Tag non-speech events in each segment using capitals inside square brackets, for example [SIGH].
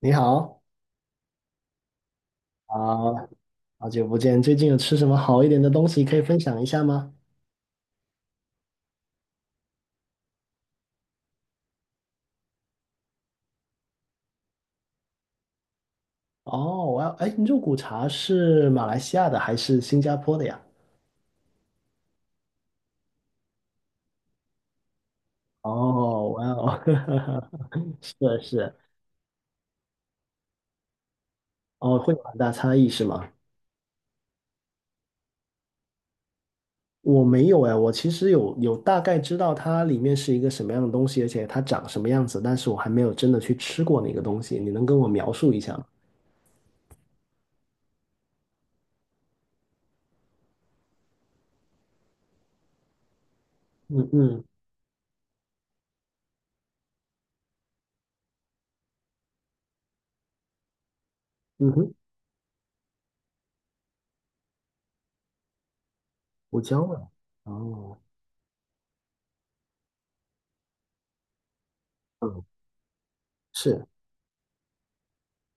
你好，啊，好久不见，最近有吃什么好一点的东西可以分享一下吗？哦，哇，哎，肉骨茶是马来西亚的还是新加坡的呀？哦，哇哦，[LAUGHS] 是的是的，哦，会有很大差异是吗？我没有哎，我其实有大概知道它里面是一个什么样的东西，而且它长什么样子，但是我还没有真的去吃过那个东西，你能跟我描述一下吗？嗯嗯，嗯哼，胡椒味。哦，嗯，是，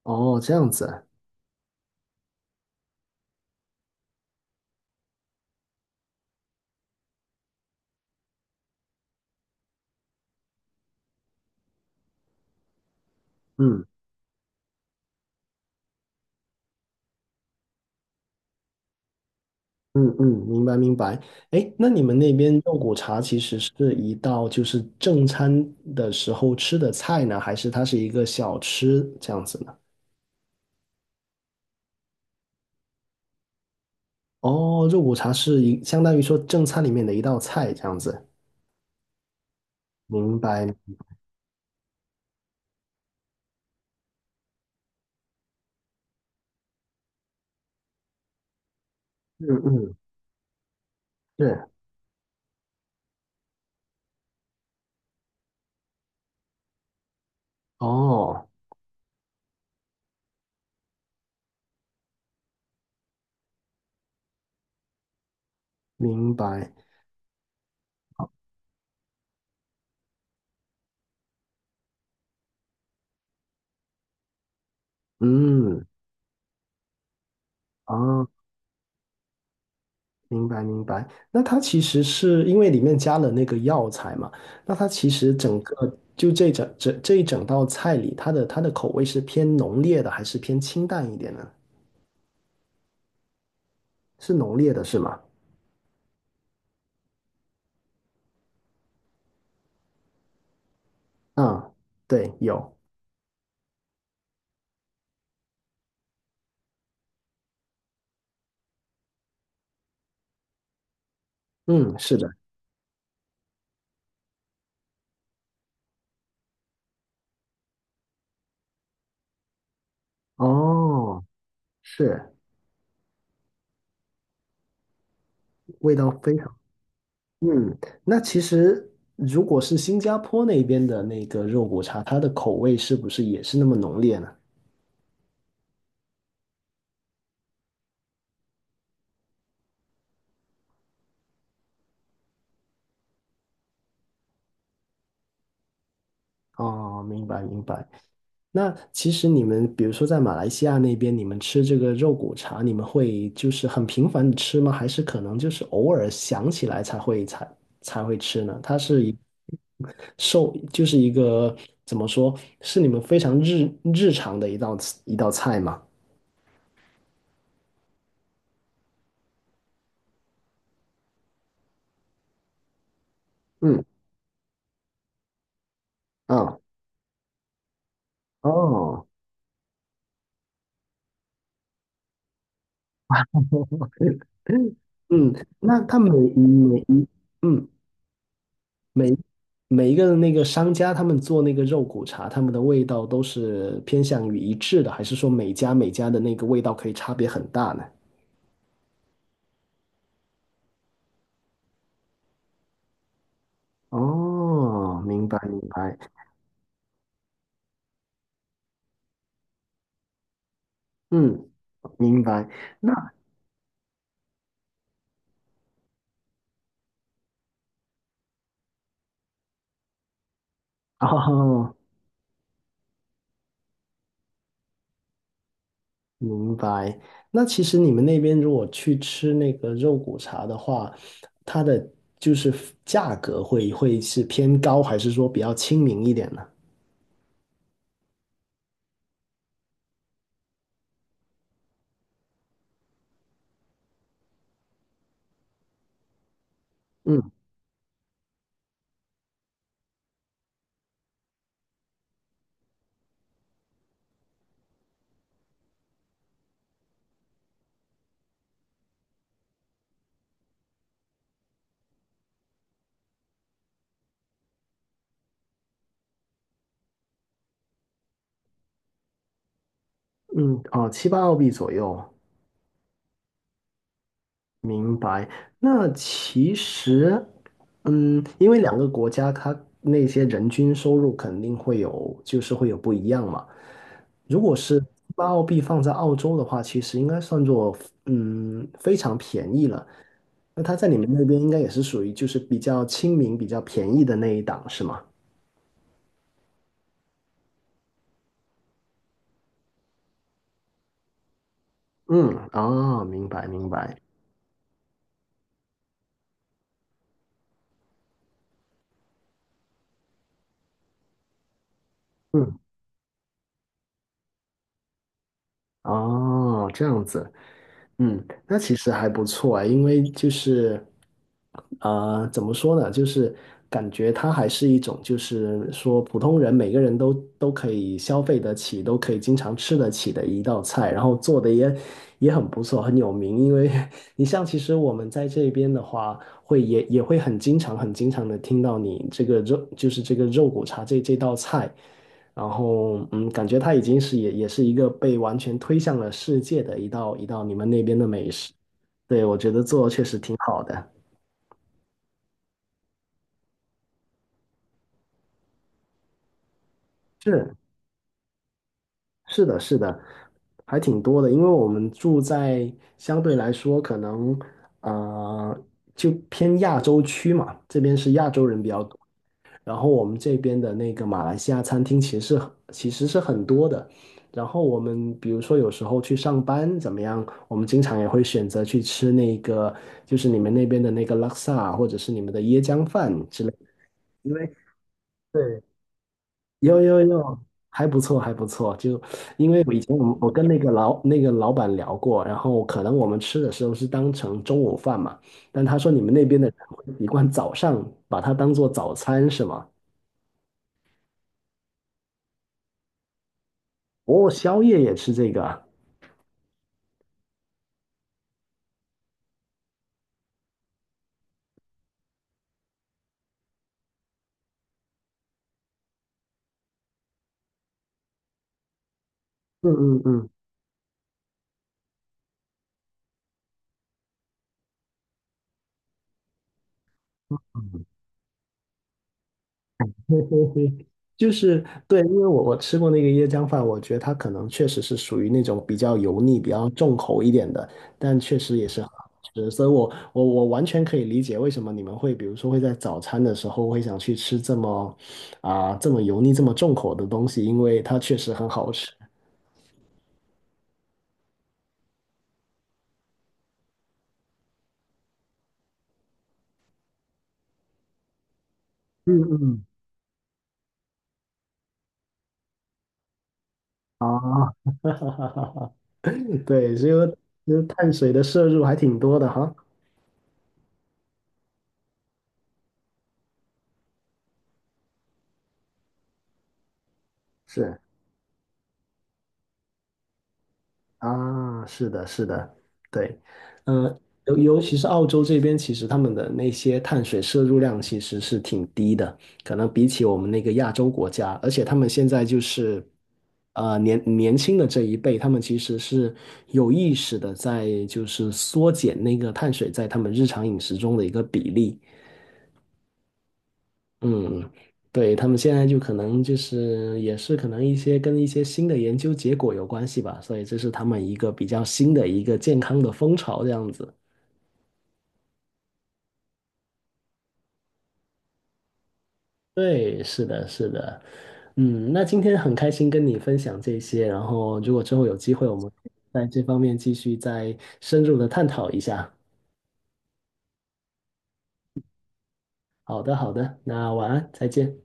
哦，这样子，嗯。嗯嗯，明白明白。哎，那你们那边肉骨茶其实是一道就是正餐的时候吃的菜呢，还是它是一个小吃这样子呢？哦，肉骨茶是一相当于说正餐里面的一道菜这样子。明白。嗯嗯，是。哦，明白。嗯，啊。明白明白。那它其实是因为里面加了那个药材嘛，那它其实整个就这一整道菜里，它的口味是偏浓烈的，还是偏清淡一点呢？是浓烈的，是吗？啊，对，有，嗯，是的，哦，是，味道非常，嗯，那其实如果是新加坡那边的那个肉骨茶，它的口味是不是也是那么浓烈呢？哦，明白明白。那其实你们，比如说在马来西亚那边，你们吃这个肉骨茶，你们会就是很频繁的吃吗？还是可能就是偶尔想起来才会吃呢？它是一受，就是一个怎么说，是你们非常日常的一道菜吗？嗯，啊，哦，[LAUGHS] 嗯，那它每每嗯。每。每一个那个商家他们做那个肉骨茶，他们的味道都是偏向于一致的，还是说每家每家的那个味道可以差别很大呢？哦，明白明白，嗯，明白。那哦，明白。那其实你们那边如果去吃那个肉骨茶的话，它的就是价格会是偏高，还是说比较亲民一点呢？嗯嗯，哦，七八澳币左右。明白。那其实，嗯，因为两个国家它那些人均收入肯定会有，就是会有不一样嘛。如果是把澳币放在澳洲的话，其实应该算作嗯非常便宜了。那它在你们那边应该也是属于就是比较亲民、比较便宜的那一档，是吗？嗯，哦，明白明白。嗯，哦，这样子。嗯，那其实还不错啊，因为就是，怎么说呢，就是感觉它还是一种，就是说普通人每个人都都可以消费得起，都可以经常吃得起的一道菜，然后做的也很不错，很有名。因为 [LAUGHS] 你像其实我们在这边的话，也会很经常的听到你这个肉，就是这个肉骨茶这道菜。然后嗯，感觉它已经是也是一个被完全推向了世界的一道你们那边的美食。对，我觉得做确实挺好的。是，是的，是的，还挺多的。因为我们住在相对来说可能呃就偏亚洲区嘛，这边是亚洲人比较多。然后我们这边的那个马来西亚餐厅其实是很多的。然后我们比如说有时候去上班怎么样，我们经常也会选择去吃那个，就是你们那边的那个拉萨，或者是你们的椰浆饭之类的。因为对，有有有，还不错还不错。就因为我以前我们我跟那个老板聊过，然后可能我们吃的时候是当成中午饭嘛，但他说你们那边的人会习惯早上把它当做早餐是吗？哦，宵夜也吃这个啊。嗯嗯嗯嗯，[LAUGHS] 嘿嘿嘿，就是对，因为我吃过那个椰浆饭，我觉得它可能确实是属于那种比较油腻、比较重口一点的，但确实也是很好吃，所以我完全可以理解为什么你们会，比如说会在早餐的时候会想去吃这么这么油腻、这么重口的东西，因为它确实很好吃。嗯啊，[LAUGHS] 对，所以就是碳水的摄入还挺多的哈。是。啊，是的，是的，对，呃，尤其是澳洲这边，其实他们的那些碳水摄入量其实是挺低的，可能比起我们那个亚洲国家，而且他们现在就是，年轻的这一辈，他们其实是有意识的在就是缩减那个碳水在他们日常饮食中的一个比例，嗯，对，他们现在就可能就是也是可能一些跟一些新的研究结果有关系吧，所以这是他们一个比较新的一个健康的风潮这样子。对，是的，是的，嗯，那今天很开心跟你分享这些，然后如果之后有机会，我们在这方面继续再深入的探讨一下。好的，好的，那晚安，再见。